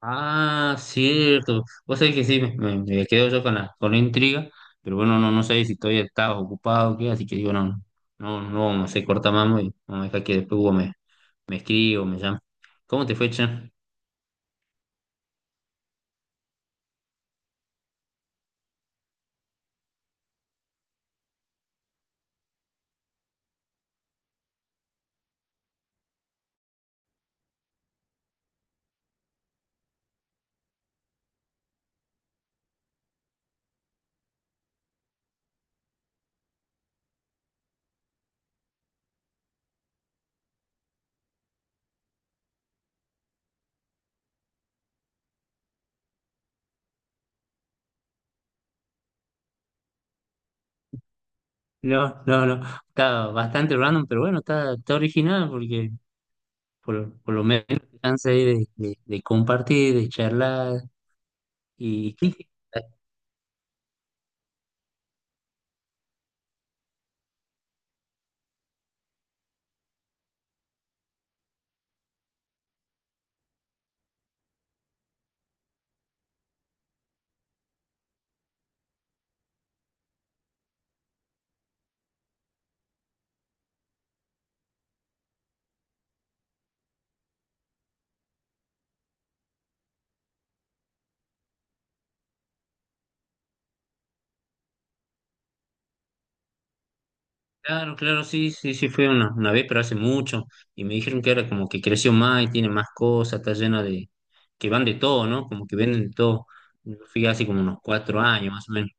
Ah, cierto. Vos sabés que sí, me quedo yo con la intriga, pero bueno, no sé si todavía estás ocupado o qué, así que digo, no, no, no, vamos a hacer cortamamo y vamos a dejar que después Hugo me escriba o me llame. ¿Cómo te fue, Chan? No, no, no. Está bastante random, pero bueno, está original porque por lo menos te chance ahí de compartir, de charlar sí. Claro, claro, sí, sí, sí, fue una vez, pero hace mucho, y me dijeron que ahora como que creció más y tiene más cosas, está llena de, que van de todo, ¿no? Como que venden de todo. Yo fui hace como unos 4 años más o menos.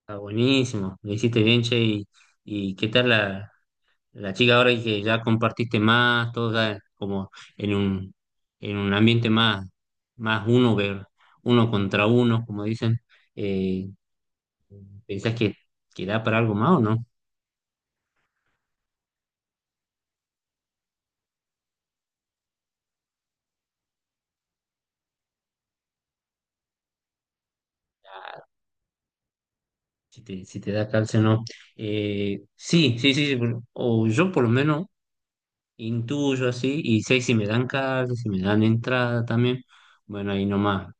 Está buenísimo, lo hiciste bien, che. ¿Y qué tal la chica ahora que ya compartiste más, todo ya como en un, en un ambiente más, más uno, ver, uno contra uno, como dicen, eh, pensás que, da para algo más o no? ¿Si te, da calce o no? Sí, sí, sí, sí, o yo por lo menos, intuyo así, y sé si me dan carta, si me dan entrada también, bueno, ahí nomás,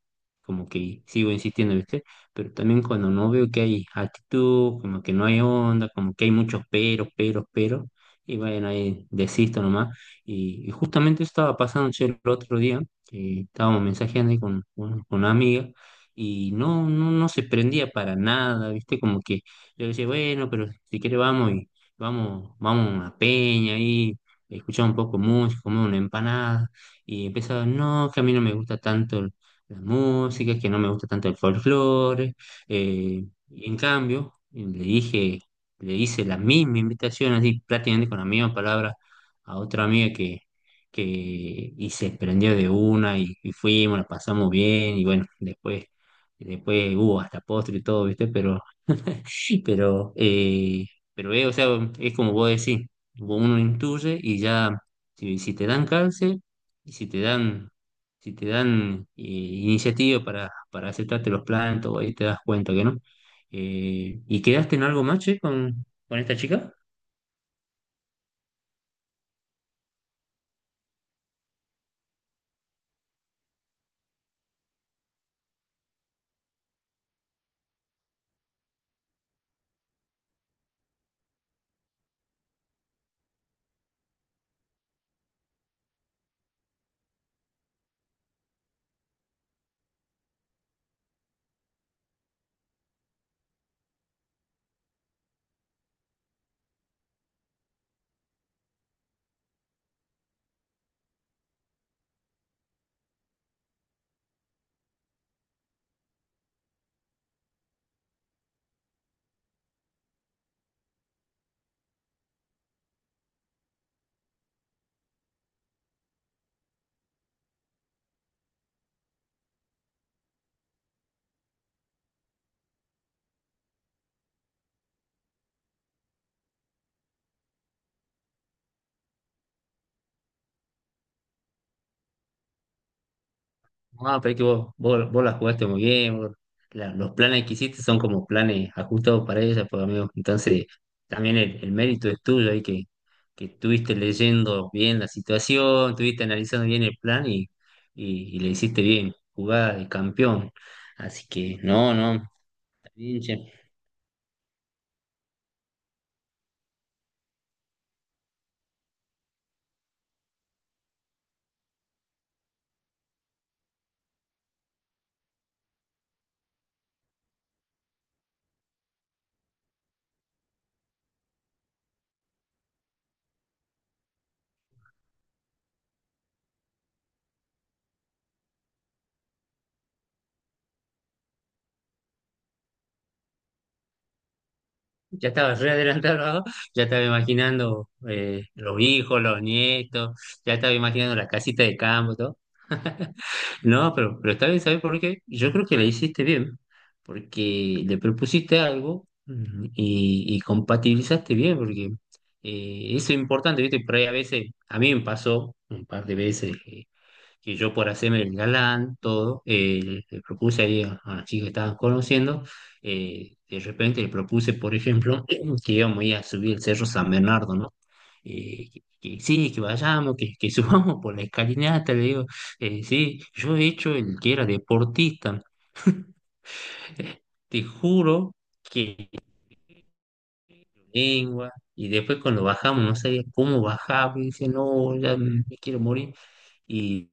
como que sigo insistiendo, ¿viste? Pero también cuando no veo que hay actitud, como que no hay onda, como que hay muchos peros, peros, peros, y bueno, ahí desisto nomás. Y justamente eso estaba pasando, che, el otro día, que estábamos mensajeando ahí con una amiga, y no, no, no se prendía para nada, ¿viste? Como que yo decía, bueno, pero si quiere vamos y vamos a una peña ahí, escuchaba un poco música, comía una empanada y empezaba, no, que a mí no me gusta tanto la música, que no me gusta tanto el folclore. Y en cambio, le hice la misma invitación, así prácticamente con la misma palabra, a otra amiga que y se prendió de una, y fuimos, la pasamos bien y bueno, después hubo hasta postre y todo, ¿viste? Pero Pero, eh, pero, o sea, es como vos decís, uno intuye y ya, si te dan cáncer, y si te dan, iniciativa para aceptarte los planes, todo ahí te das cuenta que no. ¿Y quedaste en algo más, che, con esta chica? Ah, pero es que vos la jugaste muy bien, los planes que hiciste son como planes ajustados para ella, pues amigo. Entonces, también el mérito es tuyo ahí que estuviste leyendo bien la situación, estuviste analizando bien el plan y le hiciste bien, jugada de campeón. Así que, no, no, está bien, che. Ya estaba re adelantado, ¿no? Ya estaba imaginando los hijos, los nietos, ya estaba imaginando la casita de campo, todo. No, pero está bien, ¿sabes por qué? Yo creo que la hiciste bien, porque le propusiste algo, y compatibilizaste bien, porque eso es importante, ¿viste? Por ahí a veces, a mí me pasó un par de veces que yo, por hacerme el galán, todo, le propuse ahí a la chica que estaban conociendo. De repente le propuse, por ejemplo, que íbamos a ir a subir el Cerro San Bernardo, ¿no? Que sí, que vayamos, que subamos por la escalinata, le digo. Sí, yo he hecho el que era deportista. Te juro que lengua, y después cuando bajamos, no sabía cómo bajar, y dice, no, ya me quiero morir, y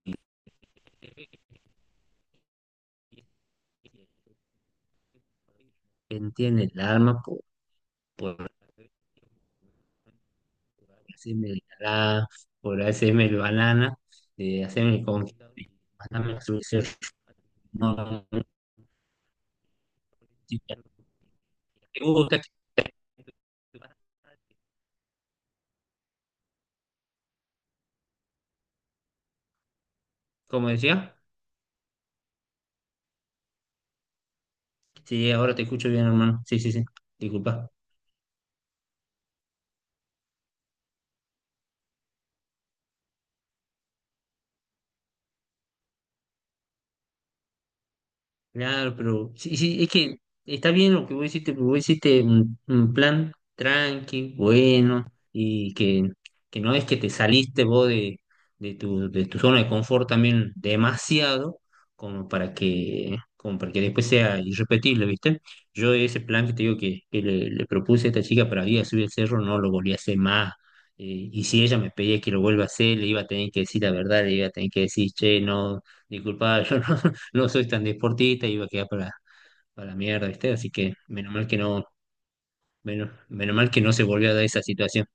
él tiene el alma por, por hacerme el alá, por hacerme el banana, de hacerme con mandarme su... No, no, no, me gusta, como decía. Sí, ahora te escucho bien, hermano. Sí, sí, sí. Disculpa. Claro, pero sí, sí, es que está bien lo que vos hiciste, porque vos hiciste un plan tranqui, bueno, y que no es que te saliste vos de tu zona de confort también demasiado, como para que después sea irrepetible, ¿viste? Yo ese plan que te digo que le propuse a esta chica para ir a subir el cerro, no lo volví a hacer más. Y si ella me pedía que lo vuelva a hacer, le iba a tener que decir la verdad, le iba a tener que decir, che, no, disculpa, yo no soy tan deportista, iba a quedar para, la mierda, ¿viste? Así que menos mal que no, menos mal que no se volvió a dar esa situación.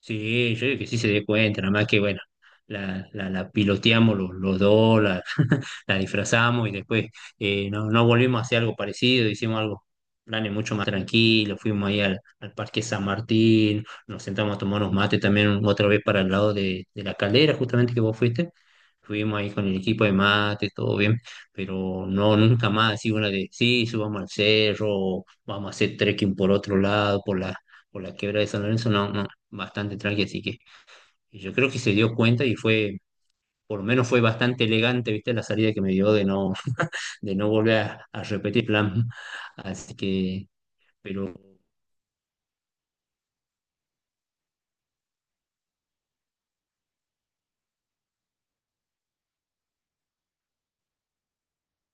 Sí, yo digo que sí se dé cuenta, nada más que bueno, la piloteamos los dos, la disfrazamos y después no volvimos a hacer algo parecido, hicimos algo, planes mucho más tranquilos, fuimos ahí al Parque San Martín, nos sentamos a tomar unos mates también otra vez para el lado de la caldera, justamente que vos fuiste, fuimos ahí con el equipo de mate, todo bien, pero no, nunca más así una de, sí, subamos al cerro, vamos a hacer trekking por otro lado, por la quebrada de San Lorenzo, no, bastante tranqui. Así que yo creo que se dio cuenta y fue, por lo menos fue bastante elegante, ¿viste? La salida que me dio, de no, de no volver a repetir plan. Así que, pero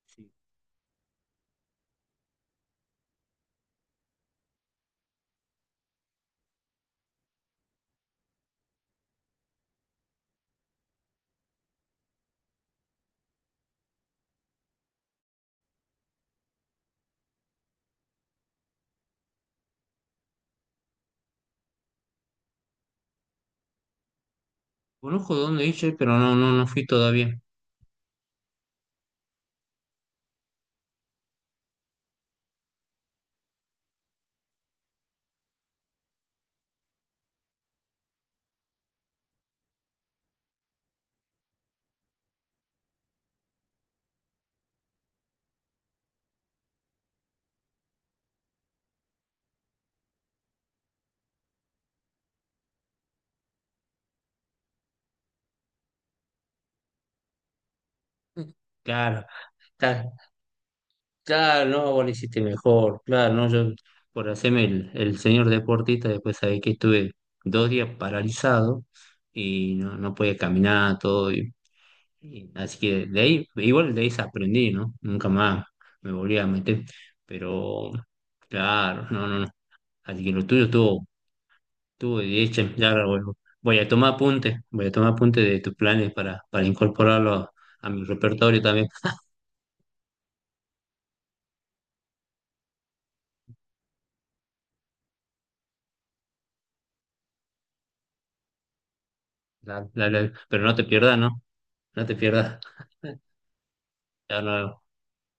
sí, conozco dónde hice, pero no, no, no fui todavía. Claro, claro, claro, no, vos lo hiciste mejor, claro, no, yo, por hacerme el señor deportista, después sabés que estuve 2 días paralizado y no podía caminar, todo, y así que de ahí, igual de ahí se aprendí, ¿no? Nunca más me volví a meter. Pero claro, no, no, no. Así que lo tuyo estuvo, de hecho. Ya ahora vuelvo. Voy a tomar apuntes de tus planes para, incorporarlo a mi repertorio también. Dale, dale, dale. Pero no te pierdas, ¿no? No te pierdas. Ya no.